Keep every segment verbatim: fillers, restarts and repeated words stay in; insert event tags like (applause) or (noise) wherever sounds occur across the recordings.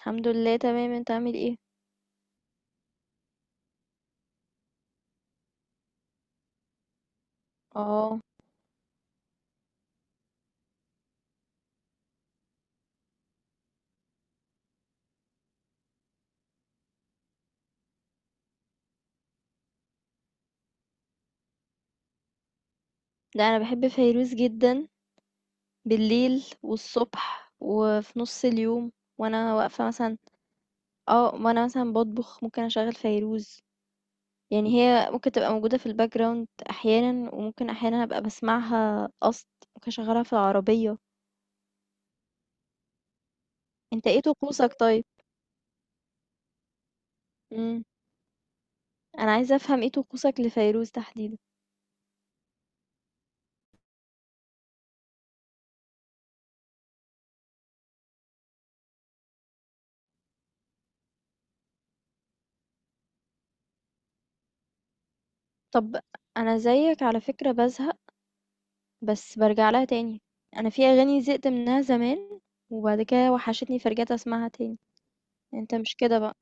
الحمد لله تمام. انت عامل ايه؟ اه ده انا بحب فيروز جدا، بالليل والصبح وفي نص اليوم وانا واقفه مثلا. اه وانا مثلا بطبخ ممكن اشغل فيروز، يعني هي ممكن تبقى موجوده في الباك جراوند احيانا وممكن احيانا ابقى بسمعها قصد، ممكن اشغلها في العربيه. انت ايه طقوسك طيب؟ امم انا عايزه افهم ايه طقوسك لفيروز تحديدا. طب انا زيك على فكره بزهق، بس بارجع لها تاني، انا في اغاني زهقت منها زمان وبعد كده وحشتني فرجعت اسمعها تاني. انت مش كده بقى.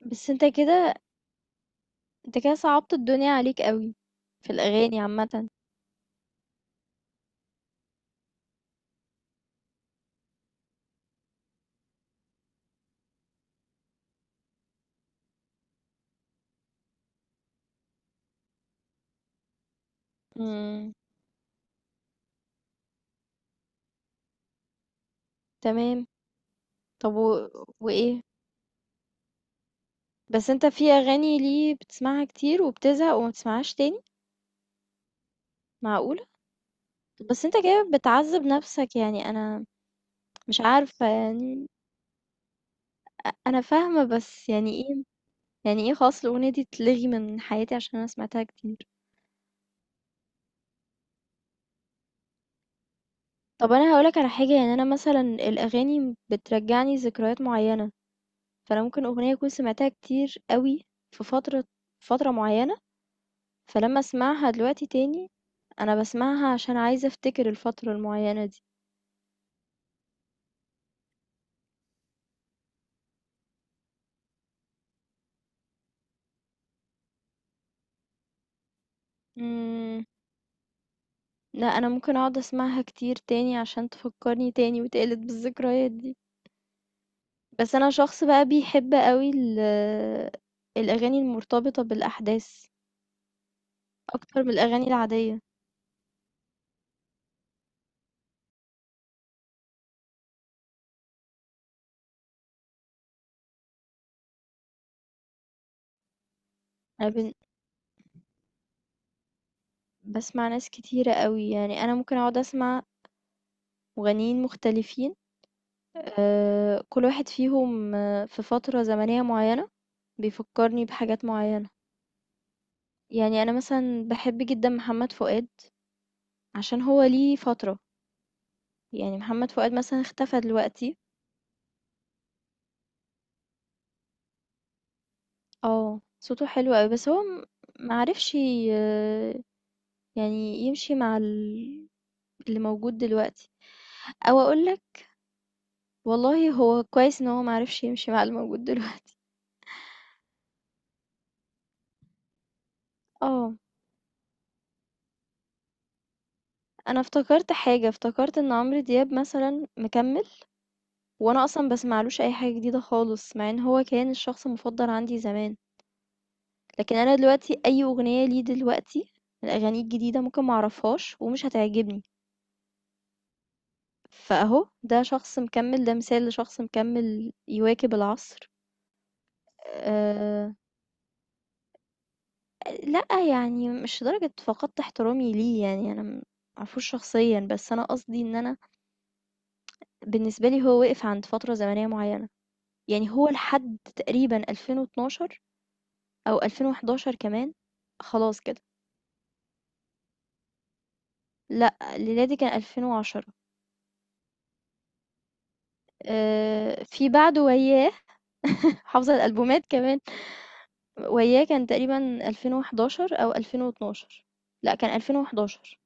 بس انت كده، انت كده صعبت الدنيا عليك قوي في الاغاني عامه. امم تمام. طب و... وايه؟ بس انت في اغاني ليه بتسمعها كتير وبتزهق وما بتسمعهاش تاني؟ معقوله؟ بس انت كده بتعذب نفسك، يعني انا مش عارفه يعني، انا فاهمه بس يعني ايه؟ يعني ايه خلاص الاغنيه دي تلغي من حياتي عشان انا سمعتها كتير؟ طب انا هقولك على حاجه، يعني انا مثلا الاغاني بترجعني ذكريات معينه، فانا ممكن اغنيه اكون سمعتها كتير قوي في فتره فتره معينه، فلما اسمعها دلوقتي تاني انا بسمعها عشان عايزه افتكر الفتره المعينه دي. امم لا انا ممكن اقعد اسمعها كتير تاني عشان تفكرني تاني وتقلد بالذكريات دي. بس انا شخص بقى بيحب قوي ال- الاغاني المرتبطه بالاحداث اكتر من الاغاني العاديه. انا بن- باسمع ناس كتيرة أوي، يعني أنا ممكن أقعد أسمع مغنيين مختلفين. آآ، كل واحد فيهم آه، في فترة زمنية معيّنة بيفكّرني بحاجات معيّنة. يعني أنا مثلًا باحب جدًا محمد فؤاد عشان هو ليه فترة، يعني محمد فؤاد مثلًا اختفى دلوقتي. آه، صوته حلو أوي، بس هو م ما عرفش ي يعني يمشي مع ال اللي موجود دلوقتي، أو أقول لك والله هو كويس إن هو ما عرفش يمشي مع اللي موجود دلوقتي. آه. أنا افتكرت حاجة، افتكرت إن عمرو دياب مثلًا مكمّل، وأنا أصلًا باسمعلوش أي حاجة جديدة خالص، مع إن هو كان الشخص المفضل عندي زمان، لكن أنا دلوقتي أي أغنية ليه دلوقتي من أغانيه الجديدة ممكن ما أعرفهاش ومش هتعجبني، فأهو ده شخص مكمّل، ده مثال لشخص مكمّل يواكب العصر. آآ، لأ يعني مش لدرجة فقدت احترامي ليه، يعني أنا ما اعرفوش شخصيًا، بس أنا قصدي إن أنا بالنسبة لي هو وقف عند فترة زمنية معيّنة. يعني هو لحد تقريبًا ألفين واتناشر أو ألفين وحداشر كمان، خلاص كده. لأ، ميلادي كان ألفين وعشرة. آآ، في بعده وياه (laughs) حافظة الألبومات كمان. وياه كان تقريبًا ألفين وأحد عشر أو ألفين واتناشر. لأ، كان ألفين وحداشر.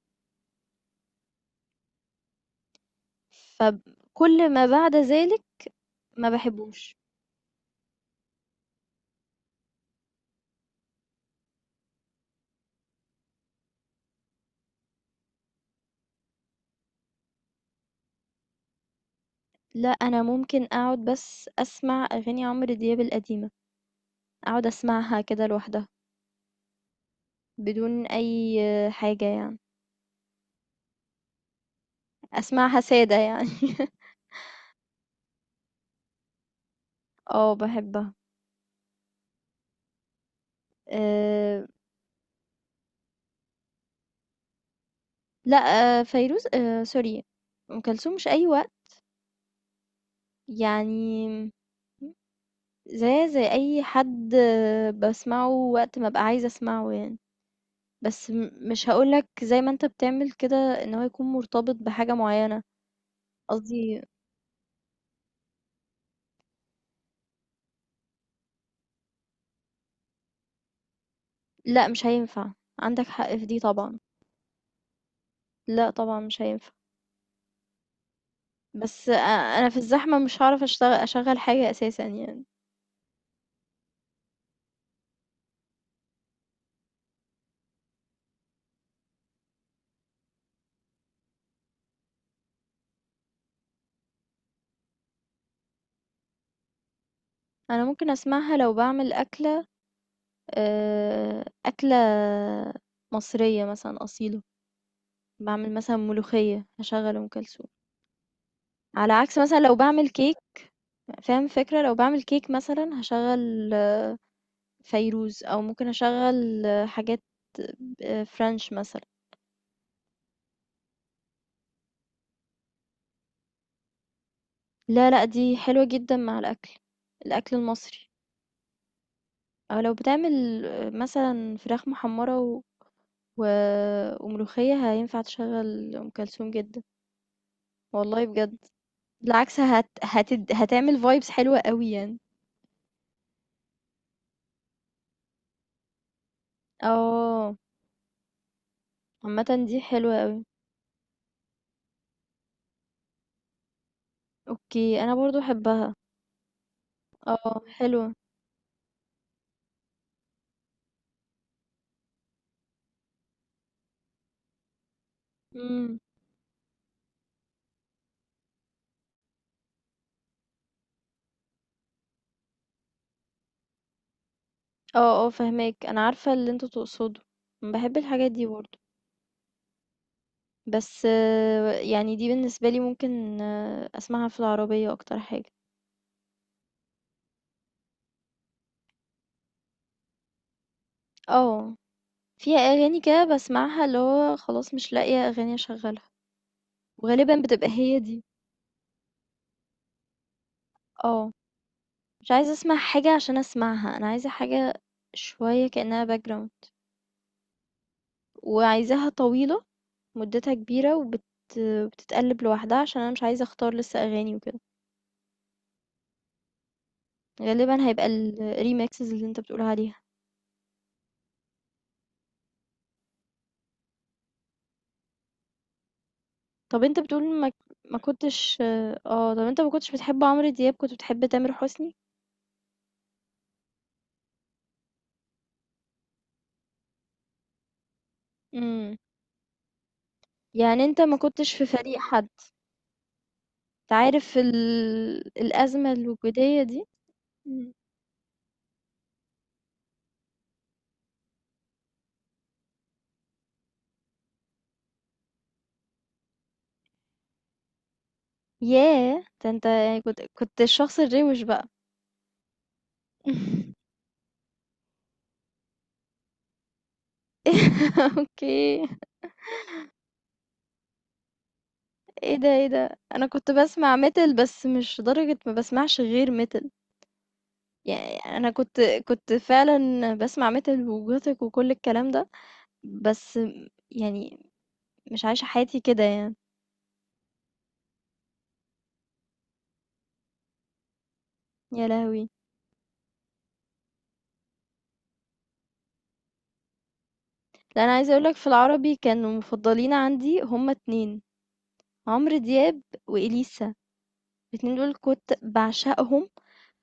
فكل ما بعد ذلك ما باحبوش. لأ، أنا ممكن أقعد بس أسمع أغاني عمرو دياب القديمة، أقعد أسمعها كده لوحدها، بدون أي حاجة يعني، أسمعها سادة يعني. (laughs) اه بحبها. أه، لا، أه فيروز، أه سوري، ام كلثوم مش اي وقت، يعني زي زي اي حد آه، بسمعه وقت ما ابقى عايزه اسمعه يعني. بس م- مش هقولك زي ما انت بتعمل كده ان هو يكون مرتبط بحاجه معينه. قصدي لا مش هينفع. عندك حق في دي طبعا، لا طبعا مش هينفع. بس آه، انا في الزحمه مش هعرف اشتغل اشغل حاجه اساسا يعني. انا ممكن اسمعها لو بعمل اكله، آه، أكلة مصرية مثلا أصيلة، بعمل مثلا ملوخية هشغل أم كلثوم. على عكس مثلا لو بعمل كيك، فاهم فكرة؟ لو بعمل كيك مثلا هشغل فيروز أو ممكن أشغل حاجات فرنش مثلا. لا لا دي حلوة جدا مع الأكل، الأكل المصري. أو لو بتعمل آه، مثلا فراخ محمرة و... و- وملوخية هينفع تشغل أم كلثوم جدا، والله بجد. بالعكس هت... هتد... هتعمل فايبس حلوة قوي يعني. اه عامة دي حلوة قوي. اوكي انا برضو احبها. اه حلوة. امم اه اه فهماك، انا عارفة اللي انتوا تقصده، بحب الحاجات دي برضو. بس آه، يعني دي بالنسبة لي ممكن آه، اسمعها في العربية اكتر حاجة. اه فيها اغاني كده بسمعها اللي هو خلاص مش لاقية اغاني اشغلها، وغالبا بتبقى هي دي. اه، مش عايزة اسمع حاجة عشان اسمعها، انا عايزة حاجة شوية كأنها background، وعايزاها طويلة، مدتها كبيرة وبت... بتتقلب لوحدها عشان أنا مش عايزة أختار لسه أغاني وكده. غالبا هيبقى الريمكسز اللي أنت بتقول عليها. طب أنت بتقول ما, ما كنتش، اه طب أنت ما كنتش بتحب عمرو دياب، كنت بتحب تامر حسني؟ امم يعني أنت ما كنتش في فريق حد؟ تعرف ال... الأزمة الوجودية دي. مم. ياه ده أنت يعني كنت كنت الشخص الروش بقى. (laughs) اوكي، إيه ده، إيه ده! أنا كنت باسمع metal بس مش لدرجة ما باسمعش غير metal. يعني أنا كنت، كنت فعلًا باسمع metal وgothic وكل الكلام ده، بس يعني مش عايشة حياتي كده يعني. يا لهوي! لأ أنا عايزة أقول لك في العربي كانوا مفضلين عندي هُم اتنين: عمرو دياب وإليسا، الاتنين دول كنت باعشقهم.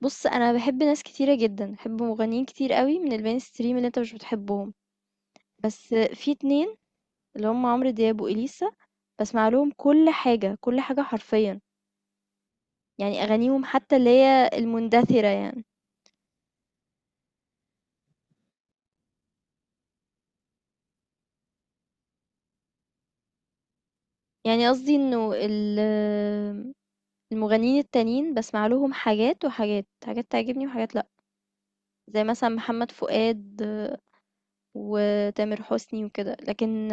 بُص أنا باحب ناس كتيرة جدًا، باحب مغنيين كتير أوي من الmainstream اللي أنت مش بتحبهم، بس في اتنين اللي هُم عمرو دياب وإليسا باسمع لهم كل حاجة، كل حاجة حرفيًا، يعني أغانيهم حتى اللي هي المندثرة يعني. يعني قصدي إنه ال المغنيين التانيين باسمع لهم حاجات وحاجات، حاجات تعجبني وحاجات لأ، زي مثلًا محمد فؤاد وتامر حسني وكده، لكن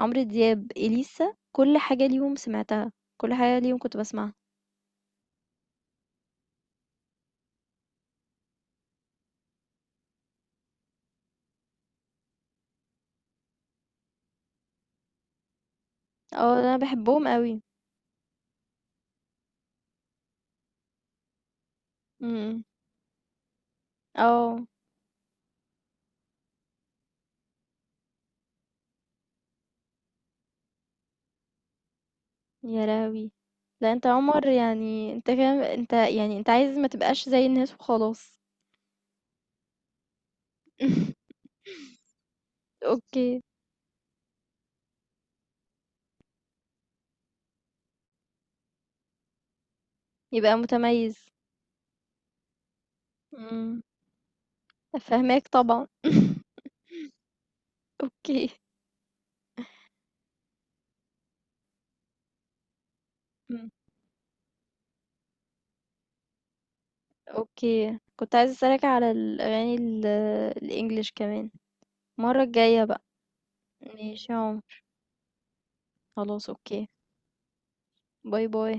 عمرو دياب، إليسا كل حاجة ليهم سمعتها، كل حاجة ليهم كنت باسمعها. آه أنا باحبهم أوي. إمم، إمم، آه. يا لهوي! لأ أنت يا عمر، يعني أنت كده، أنت يعني أنت عايز ما تبقاش زي الناس وخلاص. (laughs) أوكي، يبقى متميز. إمم، فاهماك طبعًا. (laughs) أوكي، إمم. أوكي. كنت عايزة أسألك على الأغاني ال الEnglish كمان، المرة الجاية بقى. ماشي يا عمر، خلاص أوكي. باي، باي.